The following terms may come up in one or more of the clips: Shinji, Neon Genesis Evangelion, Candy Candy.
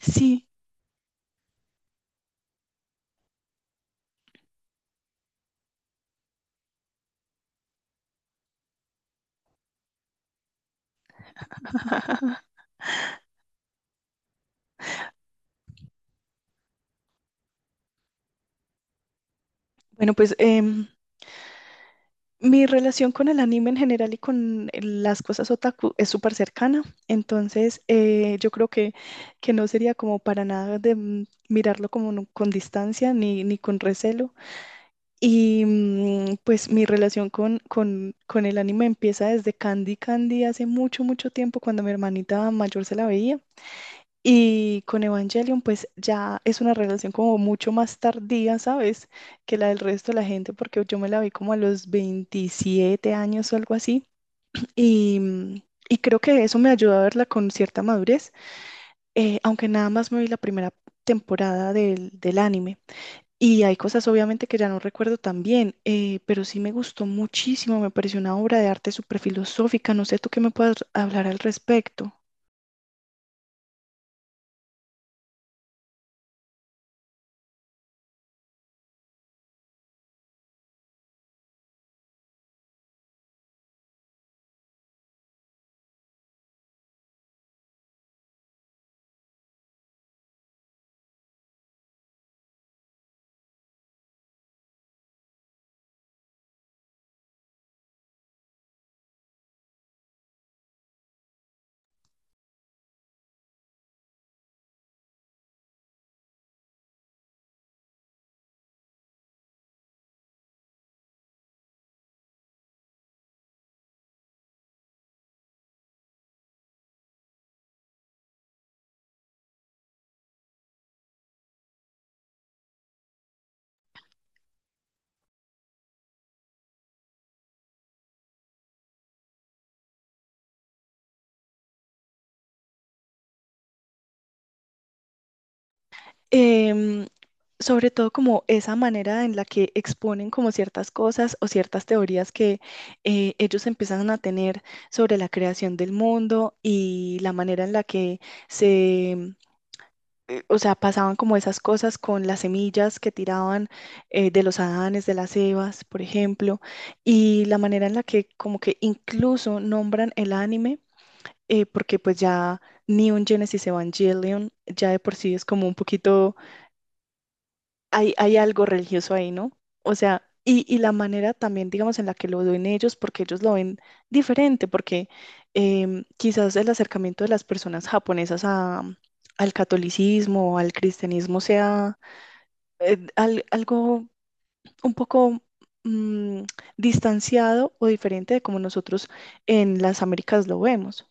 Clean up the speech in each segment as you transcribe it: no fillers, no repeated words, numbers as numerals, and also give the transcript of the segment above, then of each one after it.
Sí. Bueno, pues mi relación con el anime en general y con las cosas otaku es súper cercana. Entonces yo creo que no sería como para nada de mirarlo como no- con distancia ni con recelo. Y pues mi relación con el anime empieza desde Candy Candy hace mucho, mucho tiempo cuando mi hermanita mayor se la veía. Y con Evangelion, pues ya es una relación como mucho más tardía, ¿sabes? Que la del resto de la gente, porque yo me la vi como a los 27 años o algo así. Y, mm, y creo que eso me ayudó a verla con cierta madurez, aunque nada más me vi la primera temporada del anime. Y hay cosas obviamente que ya no recuerdo tan bien, pero sí me gustó muchísimo, me pareció una obra de arte súper filosófica. No sé tú qué me puedas hablar al respecto. em, Sobre todo como esa manera en la que exponen como ciertas cosas o ciertas teorías que ellos empiezan a tener sobre la creación del mundo y la manera en la que se, em, o sea, pasaban como esas cosas con las semillas que tiraban, de los Adanes, de las Evas, por ejemplo, y la manera en la que como que incluso nombran el anime, porque pues ya Neon Genesis Evangelion ya de por sí es como un poquito, hay algo religioso ahí, ¿no? O sea, y la manera también, digamos, en la que lo ven ellos, porque ellos lo ven diferente, porque quizás el acercamiento de las personas japonesas a, al catolicismo o al cristianismo sea, algo un poco mm, distanciado o diferente de como nosotros en las Américas lo vemos.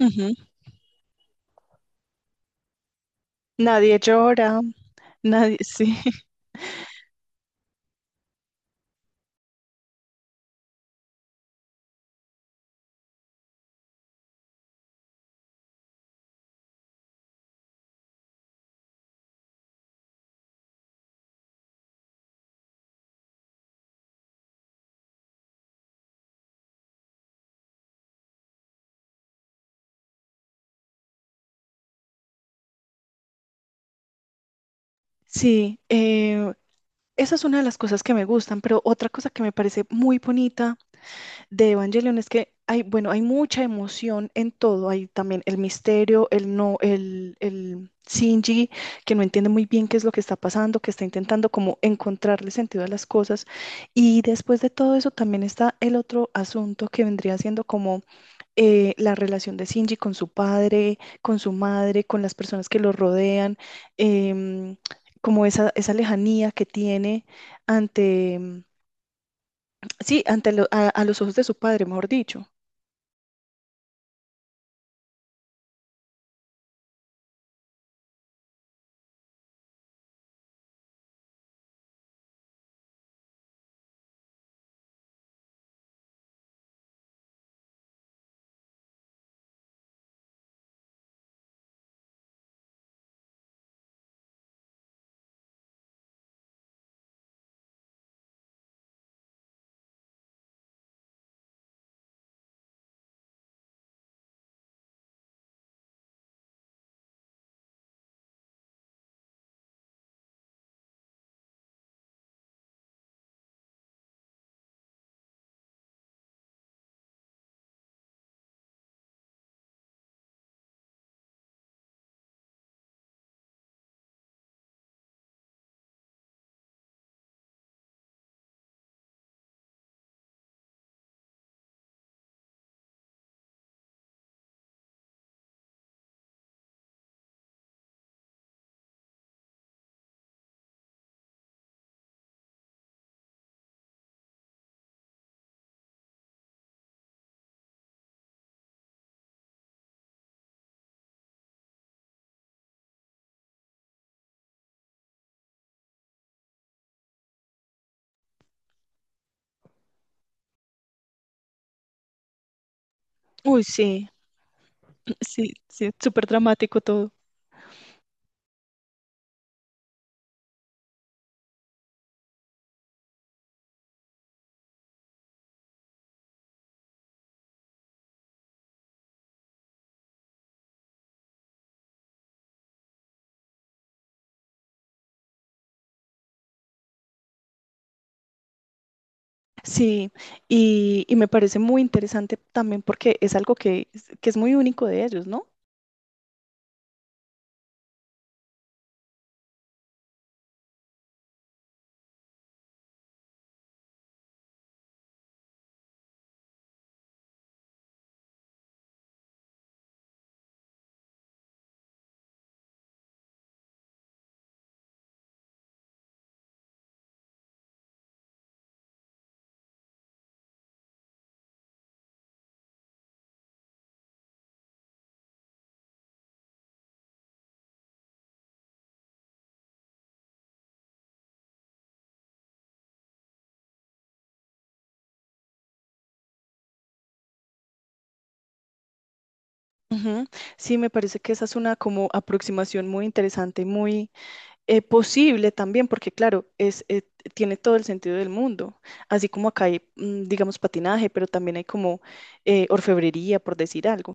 Ujú. Nadie llora, nadie, sí. Sí, esa es una de las cosas que me gustan, pero otra cosa que me parece muy bonita de Evangelion es que hay, bueno, hay mucha emoción en todo. Hay también el misterio, el Shinji, que no entiende muy bien qué es lo que está pasando, que está intentando como encontrarle sentido a las cosas. Y después de todo eso también está el otro asunto que vendría siendo como la relación de Shinji con su padre, con su madre, con las personas que lo rodean. em, Como esa lejanía que tiene ante, sí, ante a los ojos de su padre, mejor dicho. Uy, sí. Sí, sí, súper dramático todo. Sí, y me parece muy interesante también porque es algo que es muy único de ellos, ¿no? Ujú. Sí, me parece que esa es una como aproximación muy interesante, muy, posible también, porque claro, es, tiene todo el sentido del mundo, así como acá hay, digamos, patinaje, pero también hay como orfebrería, por decir algo.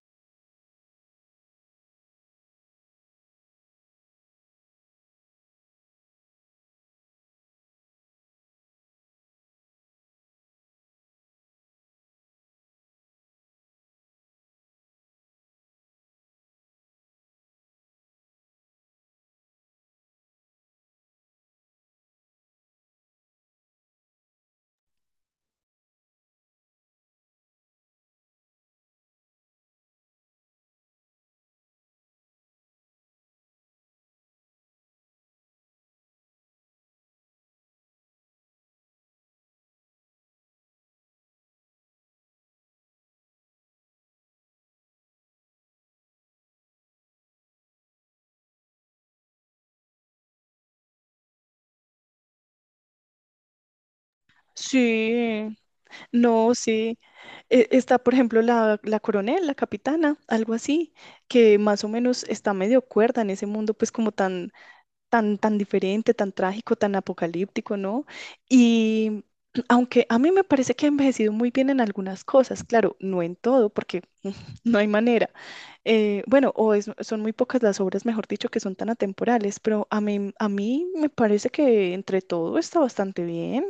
Sí, no, sí. Está, por ejemplo, la coronel, la capitana, algo así, que más o menos está medio cuerda en ese mundo, pues como tan, tan, tan diferente, tan trágico, tan apocalíptico, ¿no? Y aunque a mí me parece que ha envejecido muy bien en algunas cosas, claro, no en todo, porque no hay manera. Bueno, son muy pocas las obras, mejor dicho, que son tan atemporales, pero a mí me parece que entre todo está bastante bien.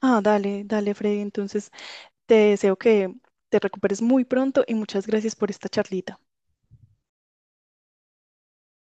Ah, dale, dale, Freddy. Entonces, te deseo que te recuperes muy pronto y muchas gracias por esta charlita.